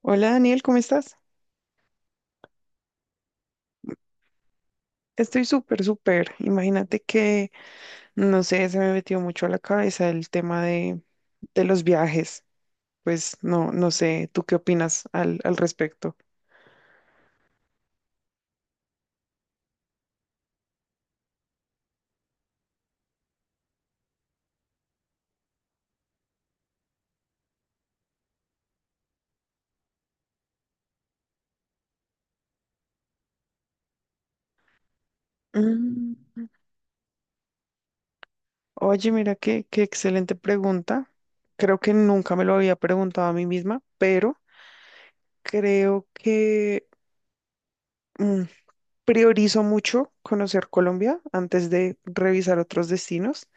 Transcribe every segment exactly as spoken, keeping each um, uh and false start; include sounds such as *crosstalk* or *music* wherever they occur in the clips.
Hola Daniel, ¿cómo estás? Estoy súper, súper. Imagínate que, no sé, se me metió mucho a la cabeza el tema de, de los viajes. Pues no, no sé, ¿tú qué opinas al, al respecto? Mm, Oye, mira qué, qué excelente pregunta. Creo que nunca me lo había preguntado a mí misma, pero creo que mm, priorizo mucho conocer Colombia antes de revisar otros destinos.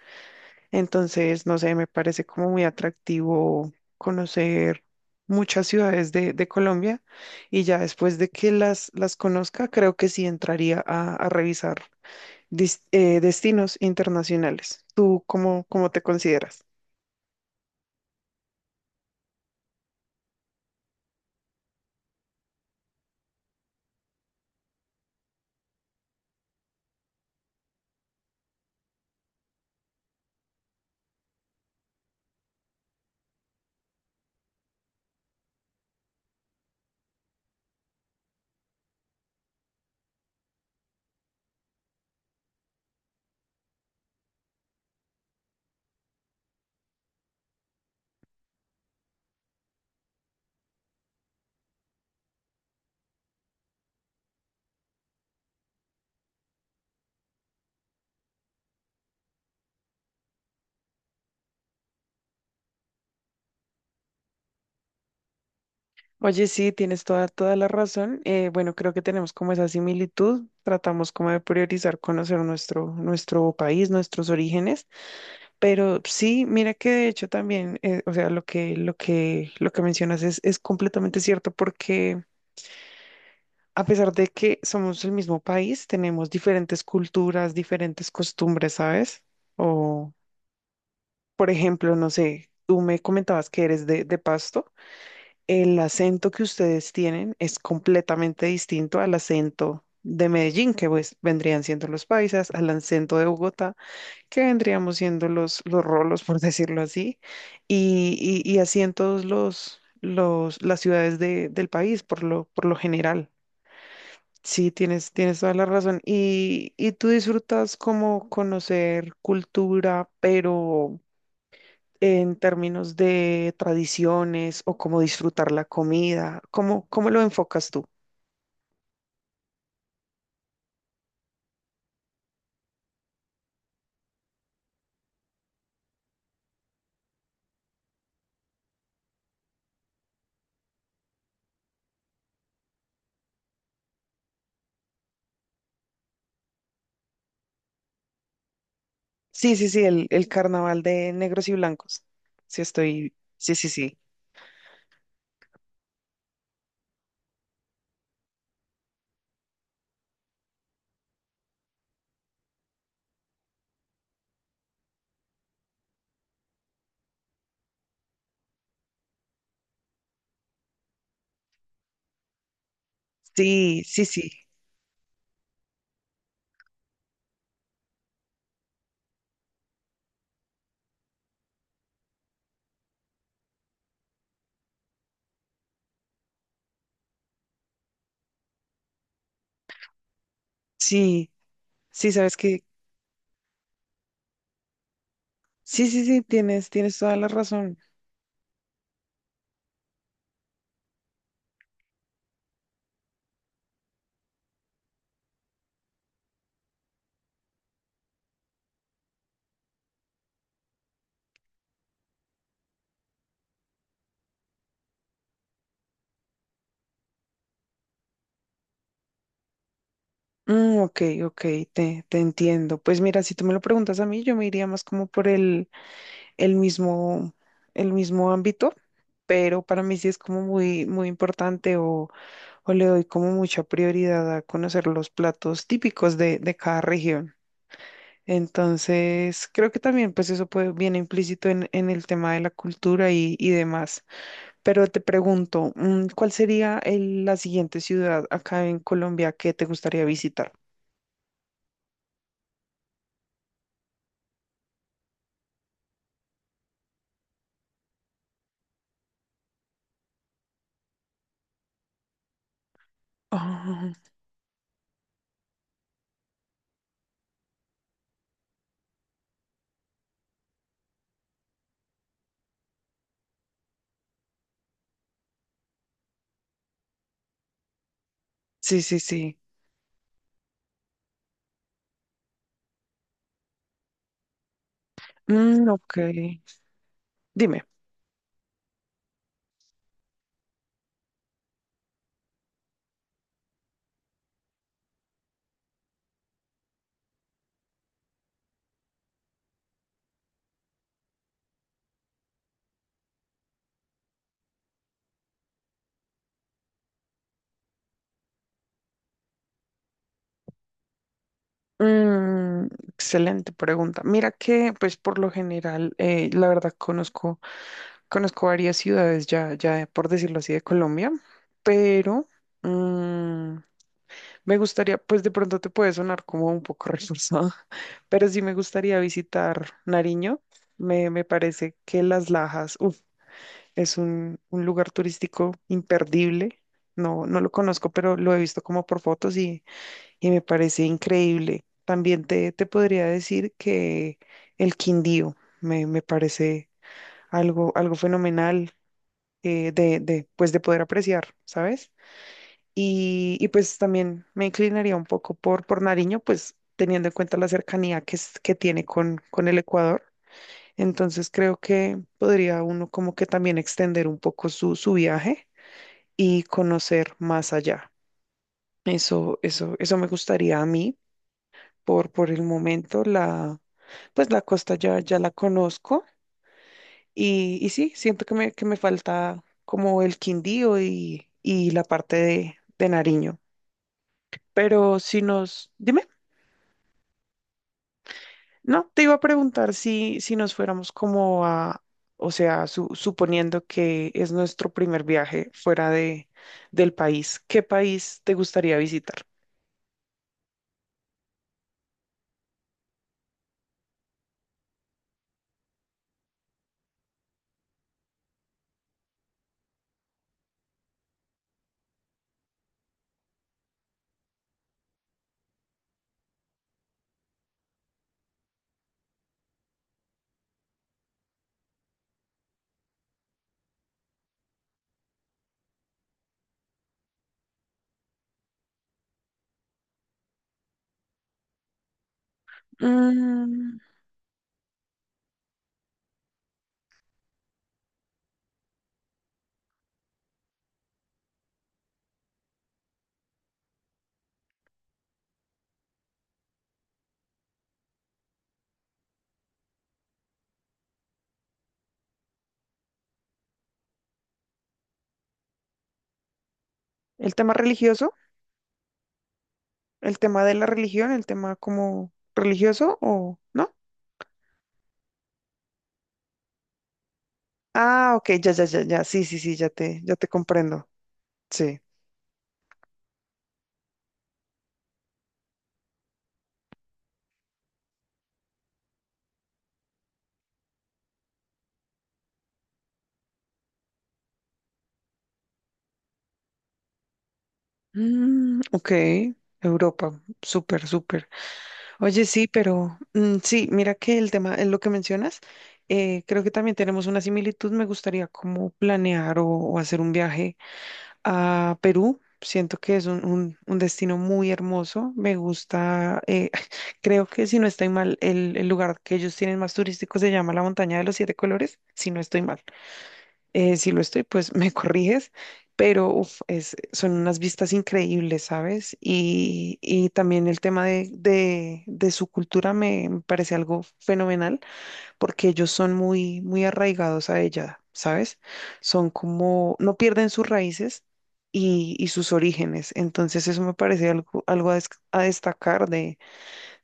Entonces, no sé, me parece como muy atractivo conocer muchas ciudades de, de Colombia y ya después de que las, las conozca, creo que sí entraría a, a revisar dis- eh, destinos internacionales. ¿Tú cómo, cómo te consideras? Oye, sí, tienes toda, toda la razón. Eh, bueno, creo que tenemos como esa similitud. Tratamos como de priorizar conocer nuestro, nuestro país, nuestros orígenes. Pero sí, mira que de hecho también, eh, o sea, lo que, lo que, lo que mencionas es, es completamente cierto, porque a pesar de que somos el mismo país, tenemos diferentes culturas, diferentes costumbres, ¿sabes? O, por ejemplo, no sé, tú me comentabas que eres de, de Pasto. El acento que ustedes tienen es completamente distinto al acento de Medellín, que pues vendrían siendo los paisas, al acento de Bogotá, que vendríamos siendo los, los rolos, *laughs* por decirlo así, y, y, y así en todos los, los, las ciudades de- del país, por lo, por lo general. Sí, tienes, tienes toda la razón. Y, y tú disfrutas como conocer cultura, pero en términos de tradiciones o cómo disfrutar la comida? ¿Cómo, cómo lo enfocas tú? Sí, sí, sí, el, el carnaval de negros y blancos. Sí, estoy. Sí, sí, sí. Sí, sí, sí. Sí, sí, sabes que. Sí, sí, sí, tienes, tienes toda la razón. Mm, ok, ok, te, te entiendo. Pues mira, si tú me lo preguntas a mí, yo me iría más como por el, el mismo, el mismo ámbito, pero para mí sí es como muy, muy importante, o o le doy como mucha prioridad a conocer los platos típicos de, de cada región. Entonces, creo que también pues eso puede, viene implícito en, en el tema de la cultura y, y demás. Pero te pregunto, mm, ¿cuál sería el- la siguiente ciudad acá en Colombia que te gustaría visitar? Ah, sí, sí, sí. Mm, ok. Dime. Mm, excelente pregunta. Mira que, pues, por lo general, eh, la verdad conozco. Conozco varias ciudades ya, ya por decirlo así, de Colombia, pero mm, me gustaría, pues de pronto te puede sonar como un poco reforzado, *laughs* pero sí me gustaría visitar Nariño. Me, me parece que Las Lajas, uf, es un, un lugar turístico imperdible. No, no lo conozco, pero lo he visto como por fotos, y, y me parece increíble. También te, te podría decir que el Quindío me, me parece algo, algo fenomenal eh, de, de, pues de poder apreciar, ¿sabes? Y, y pues también me inclinaría un poco por, por Nariño, pues teniendo en cuenta la cercanía que, es- que tiene con, con el Ecuador. Entonces creo que podría uno como que también extender un poco su, su viaje y conocer más allá. Eso, eso, eso me gustaría a mí por, por el momento. La, pues la costa ya, ya la conozco. Y, y sí, siento que me, que me falta como el Quindío y, y la parte de, de Nariño. Pero si nos, dime. No, te iba a preguntar si, si nos fuéramos como a, o sea, su- suponiendo que es nuestro primer viaje fuera de, del país, ¿qué país te gustaría visitar? Mm, ¿El tema religioso? ¿El tema de la religión? ¿El tema como religioso o no? Ah, ok, ya, ya, ya, ya, sí, sí, sí, ya te, ya te comprendo. Sí. Mm, ok, Europa, súper, súper. Oye, sí, pero mm, sí, mira que el tema, es lo que mencionas, eh, creo que también tenemos una similitud. Me gustaría como planear o, o hacer un viaje a Perú. Siento que es un, un- un destino muy hermoso. Me gusta, eh, *laughs* creo que si no estoy mal, el, el lugar que ellos tienen más turístico se llama la Montaña de los Siete Colores, si no estoy mal. Eh, si lo estoy, pues me *laughs* corriges, pero uf, es, son unas vistas increíbles, ¿sabes? Y, y también el tema de, de, de su cultura me me parece algo fenomenal, porque ellos son muy, muy arraigados a ella, ¿sabes? Son como, no pierden sus raíces y, y sus orígenes, entonces eso me parece algo, algo a, des- a destacar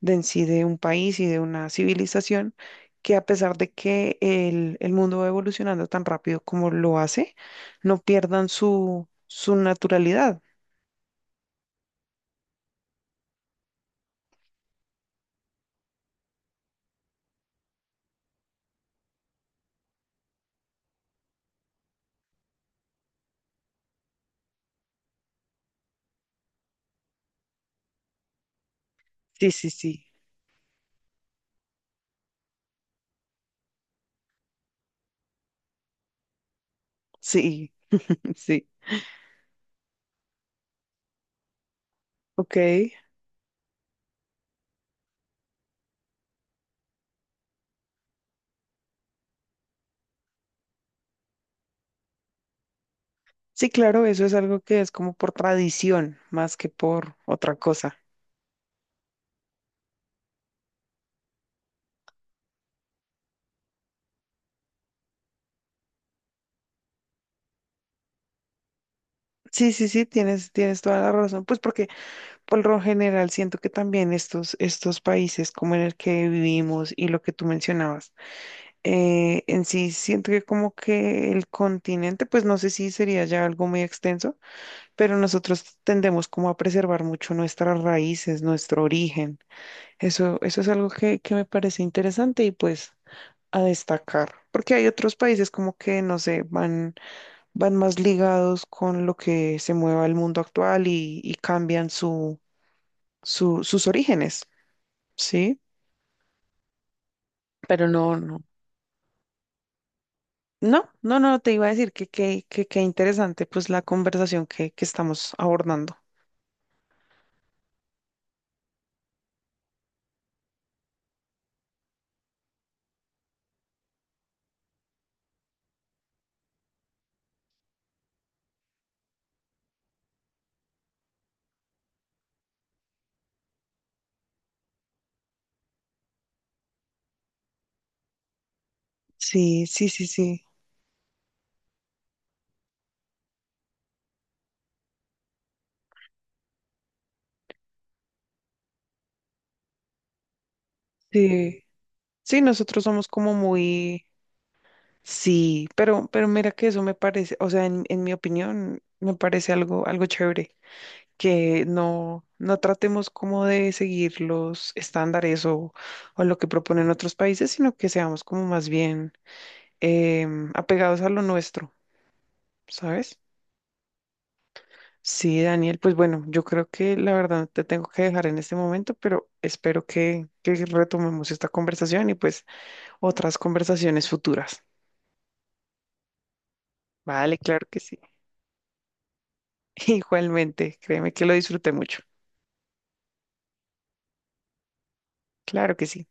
de en sí de un país y de una civilización, que a pesar de que el, el mundo va evolucionando tan rápido como lo hace, no pierdan su, su naturalidad. Sí, sí, sí, sí, *laughs* sí, ok. Sí, claro, eso es algo que es como por tradición más que por otra cosa. Sí, sí, sí, tienes, tienes toda la razón. Pues porque por lo general siento que también estos, estos países como en el que vivimos, y lo que tú mencionabas, eh, en sí siento que como que el continente, pues no sé si sería ya algo muy extenso, pero nosotros tendemos como a preservar mucho nuestras raíces, nuestro origen. Eso, eso es algo que, que me parece interesante y pues a destacar, porque hay otros países como que, no sé, van, van más ligados con lo que se mueva el mundo actual, y, y cambian su, su- sus orígenes, ¿sí? Pero no, no. No, no, no, te iba a decir que qué que, que qué interesante pues la conversación que, que estamos abordando. Sí, sí, sí, sí, sí. Sí, nosotros somos como muy, sí, pero, pero mira que eso me parece, o sea, en, en mi opinión, me parece algo, algo chévere, que no, no tratemos como de seguir los estándares, o, o lo que proponen otros países, sino que seamos como más bien, em, apegados a lo nuestro, ¿sabes? Sí, Daniel, pues bueno, yo creo que la verdad te tengo que dejar en este momento, pero espero que, que retomemos esta conversación y pues otras conversaciones futuras. Vale, claro que sí. *laughs* Igualmente, créeme que lo disfruté mucho. Claro que sí.